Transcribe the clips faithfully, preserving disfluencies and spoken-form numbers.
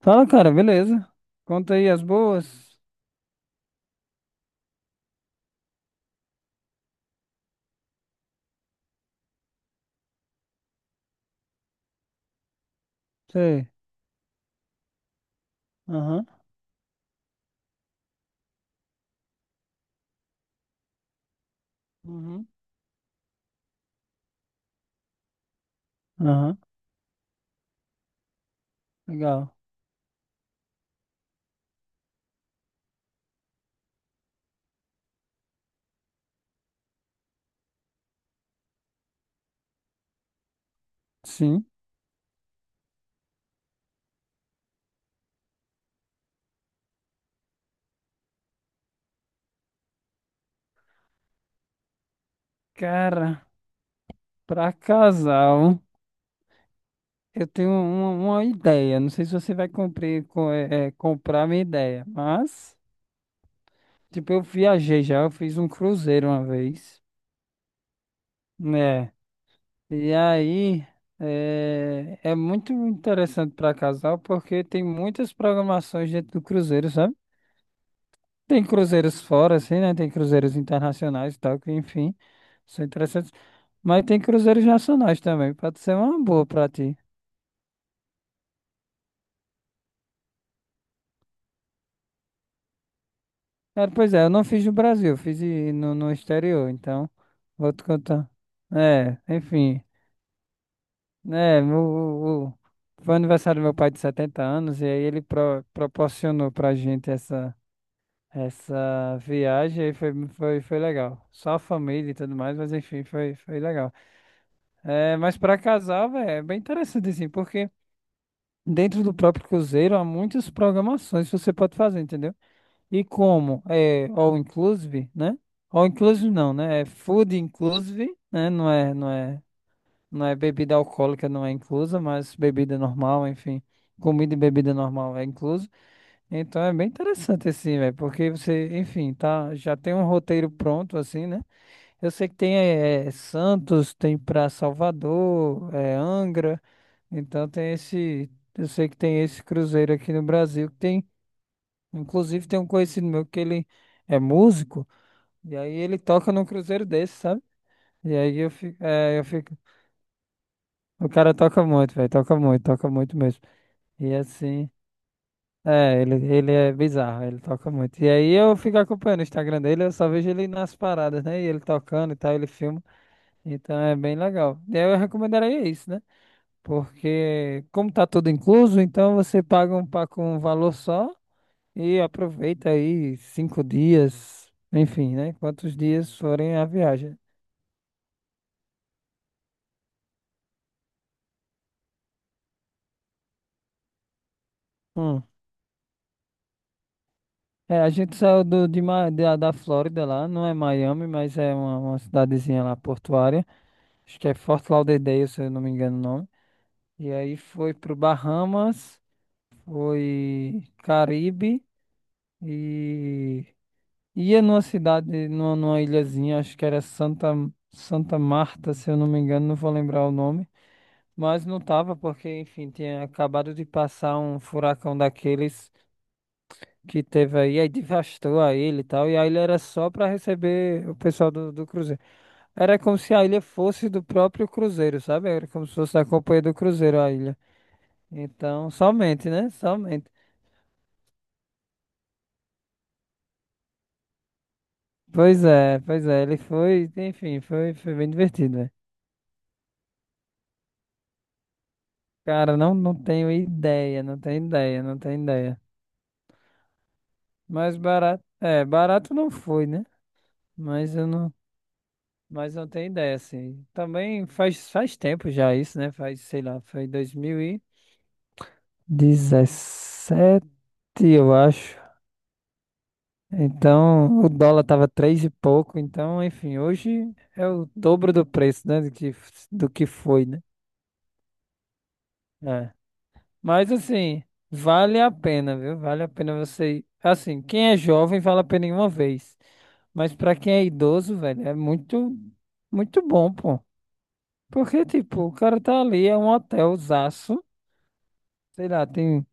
Fala, cara, beleza. Conta aí as boas. Sei. Aham, uhum, aham, legal. Sim. Cara, pra casal, eu tenho uma, uma ideia. Não sei se você vai cumprir, com, é, é, comprar minha ideia, mas, tipo, eu viajei já, eu fiz um cruzeiro uma vez, né? E aí, é, é muito interessante pra casal porque tem muitas programações dentro do cruzeiro, sabe? Tem cruzeiros fora, assim, né? Tem cruzeiros internacionais e tal, que enfim, são interessantes. Mas tem cruzeiros nacionais também, pode ser uma boa pra ti. É, pois é, eu não fiz no Brasil, eu fiz e- no, no exterior, então vou te contar. É, enfim, né? O, o- o- foi o aniversário do meu pai de setenta anos e aí ele pro, proporcionou pra gente essa, essa viagem e foi, foi, foi legal. Só a família e tudo mais, mas enfim, foi, foi legal. É, mas para casal, velho, é bem interessante assim, porque dentro do próprio cruzeiro há muitas programações que você pode fazer, entendeu? E como é all inclusive, né? All inclusive não, né? É food inclusive, né? Não é, não é, não é bebida alcoólica, não é inclusa, mas bebida normal, enfim, comida e bebida normal é incluso. Então é bem interessante assim, velho, porque você, enfim, tá, já tem um roteiro pronto assim, né? Eu sei que tem eh, Santos, tem pra Salvador, eh, Angra, então tem esse, eu sei que tem esse cruzeiro aqui no Brasil que tem, inclusive tem um conhecido meu que ele é músico e aí ele toca num cruzeiro desse, sabe? E aí eu fico, é, eu fico, o cara toca muito, velho, toca muito, toca muito mesmo. E assim, é, ele, ele é bizarro, ele toca muito. E aí eu fico acompanhando o Instagram dele, eu só vejo ele nas paradas, né? E ele tocando e tal, ele filma. Então é bem legal. Eu recomendaria isso, né? Porque como tá tudo incluso, então você paga um pacote com um valor só e aproveita aí cinco dias, enfim, né? Quantos dias forem a viagem. Hum. É, a gente saiu do, de, Ma- da, da Flórida lá, não é Miami, mas é uma, uma cidadezinha lá portuária. Acho que é Fort Lauderdale, se eu não me engano o nome. E aí foi pro Bahamas, foi Caribe e ia numa cidade, numa, numa ilhazinha, acho que era Santa, Santa Marta, se eu não me engano, não vou lembrar o nome. Mas não tava, porque, enfim, tinha acabado de passar um furacão daqueles que teve aí, aí devastou a ilha e tal, e a ilha era só para receber o pessoal do, do cruzeiro. Era como se a ilha fosse do próprio cruzeiro, sabe? Era como se fosse da companhia do cruzeiro a ilha. Então, somente, né? Somente. Pois é, pois é, ele foi, enfim, foi, foi bem divertido, né? Cara, não, não tenho ideia, não tenho ideia, não tenho ideia. Mas barato, é, barato não foi, né? Mas eu não, mas não tenho ideia, assim. Também faz, faz tempo já isso, né? Faz, sei lá, foi dois mil e dezessete, eu acho. Então, o dólar tava três e pouco, então, enfim, hoje é o dobro do preço, né? Do que, do que foi, né? É. Mas assim, vale a pena, viu? Vale a pena você ir. Assim, quem é jovem, vale a pena em uma vez. Mas pra quem é idoso, velho, é muito, muito bom, pô. Porque, tipo, o cara tá ali, é um hotelzaço, sei lá, tem,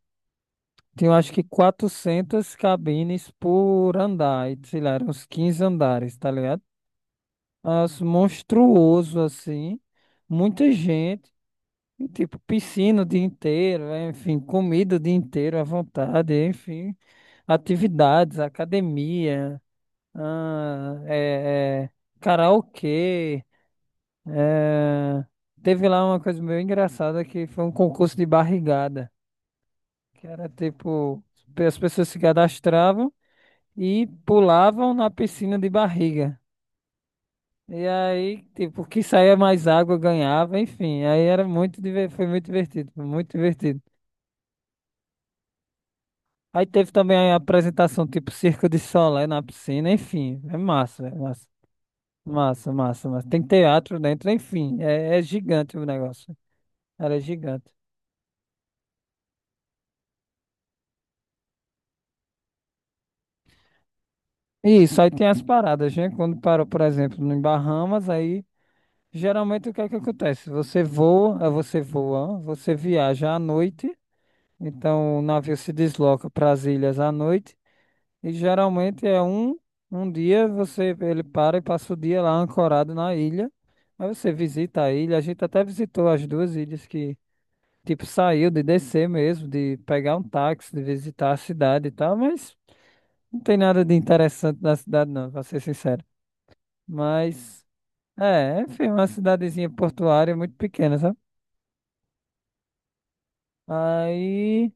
tem eu acho que quatrocentas cabines por andar, e, sei lá, eram uns quinze andares, tá ligado? As monstruoso, assim, muita gente, e, tipo, piscina o dia inteiro, é, enfim, comida o dia inteiro à vontade, enfim, atividades, academia, ah, é, é, karaokê. É, teve lá uma coisa meio engraçada que foi um concurso de barrigada, que era tipo, as pessoas se cadastravam e pulavam na piscina de barriga. E aí, tipo, que saía mais água ganhava, enfim. Aí era muito, diver- foi muito divertido, foi muito divertido. Aí teve também a apresentação tipo Circo de Solé na piscina, enfim, é massa, é massa, massa, massa, massa. Tem teatro dentro, enfim, é, é gigante o negócio. Era gigante. Isso, aí tem as paradas, né? Quando parou, por exemplo, em Bahamas, aí geralmente o que é que acontece? Você voa, eh, você voa, você viaja à noite, então o navio se desloca para as ilhas à noite, e geralmente é um, um dia você ele para e passa o dia lá ancorado na ilha. Aí você visita a ilha, a gente até visitou as duas ilhas que, tipo, saiu de descer mesmo, de pegar um táxi, de visitar a cidade e tal, mas não tem nada de interessante na cidade, não, pra ser sincero. Mas, é, enfim, uma cidadezinha portuária muito pequena, sabe? Aí,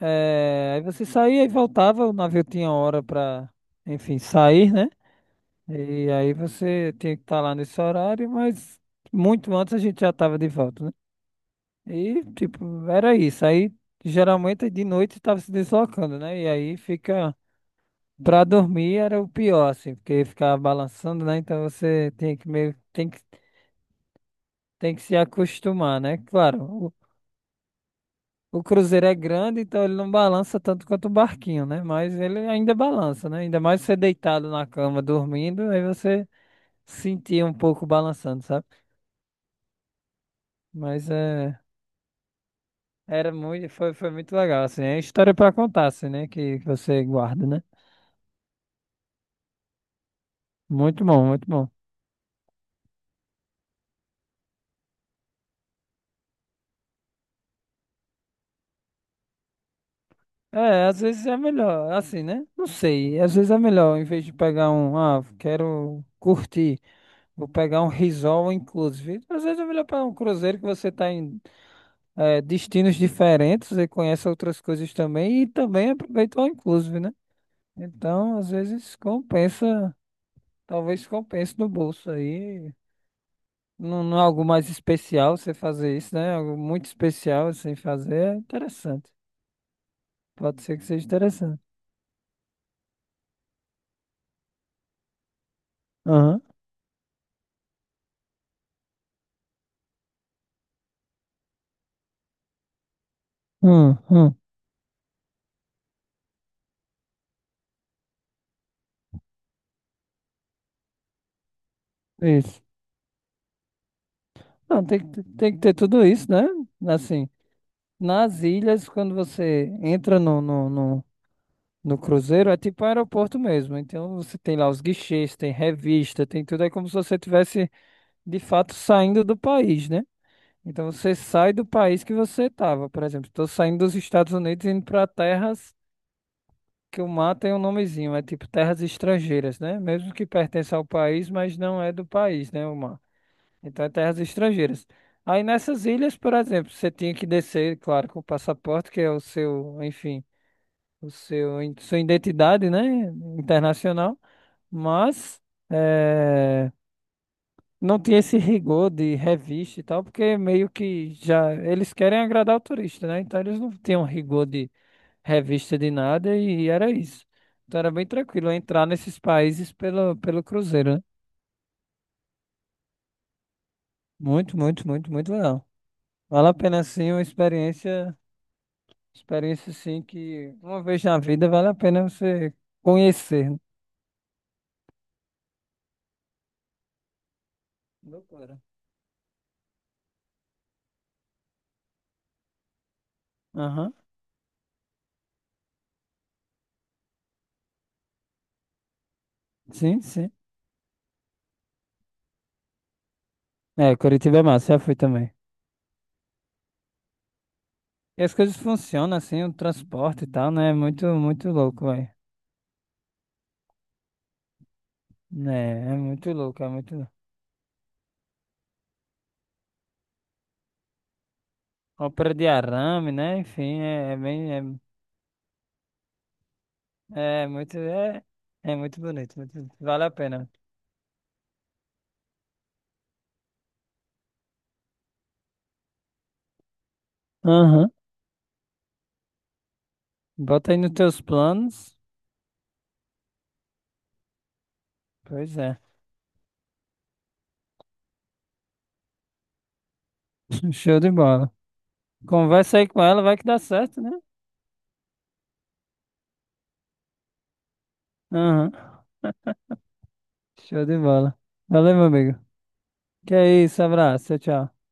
é, aí você saía e voltava, o navio tinha hora pra, enfim, sair, né? E aí você tinha que estar lá nesse horário, mas muito antes a gente já estava de volta, né? E, tipo, era isso. Aí, geralmente, de noite estava se deslocando, né? E aí fica, pra dormir era o pior, assim, porque ficava balançando, né? Então você tem que meio, tem que, tem que se acostumar, né? Claro. O cruzeiro é grande, então ele não balança tanto quanto o barquinho, né? Mas ele ainda balança, né? Ainda mais você deitado na cama dormindo, aí você sentia um pouco balançando, sabe? Mas é, era muito, foi, foi muito legal, assim. É história pra contar, assim, né? Que, que você guarda, né? Muito bom, muito bom. É, às vezes é melhor, assim, né? Não sei, às vezes é melhor, em vez de pegar um, ah, quero curtir, vou pegar um resort inclusive. Às vezes é melhor pegar um cruzeiro que você tá em é, destinos diferentes e conhece outras coisas também e também aproveita o all inclusive, né? Então, às vezes compensa, talvez compense no bolso aí. Não, não é algo mais especial você fazer isso, né? É algo muito especial assim fazer é interessante. Pode ser que seja interessante. Aham. Hum, hum, isso. Não, tem que, ter- tem que ter tudo isso, né? Assim, nas ilhas, quando você entra no, no, no no cruzeiro é tipo aeroporto mesmo. Então você tem lá os guichês, tem revista, tem tudo. É como se você tivesse de fato saindo do país, né? Então você sai do país que você estava. Por exemplo, estou saindo dos Estados Unidos e indo para terras que o mar tem um nomezinho. É tipo terras estrangeiras, né? Mesmo que pertence ao país, mas não é do país, né? O mar. Então é terras estrangeiras. Aí nessas ilhas, por exemplo, você tinha que descer, claro, com o passaporte, que é o seu, enfim, o seu, sua identidade, né? Internacional. Mas eh, não tinha esse rigor de revista e tal, porque meio que já eles querem agradar o turista, né? Então eles não tinham rigor de revista de nada e era isso. Então era bem tranquilo entrar nesses países pelo, pelo cruzeiro, né? Muito, muito, muito, muito legal. Vale a pena sim, uma experiência, experiência sim que uma vez na vida vale a pena você conhecer, né? Loucura. Aham, sim, sim. É, Curitiba é massa, já fui também. E as coisas funcionam assim, o transporte e tal, né? É muito, muito louco, velho. Né? É muito louco, é muito louco. Ópera de arame, né? Enfim, é, é bem. É, é muito. É, é muito bonito, muito, bonito, vale a pena. Aham. Bota aí nos teus planos. Pois é. Show de bola. Conversa aí com ela, vai que dá certo, né? Aham. Show de bola. Valeu, meu amigo. Que é isso, abraço, tchau, tchau.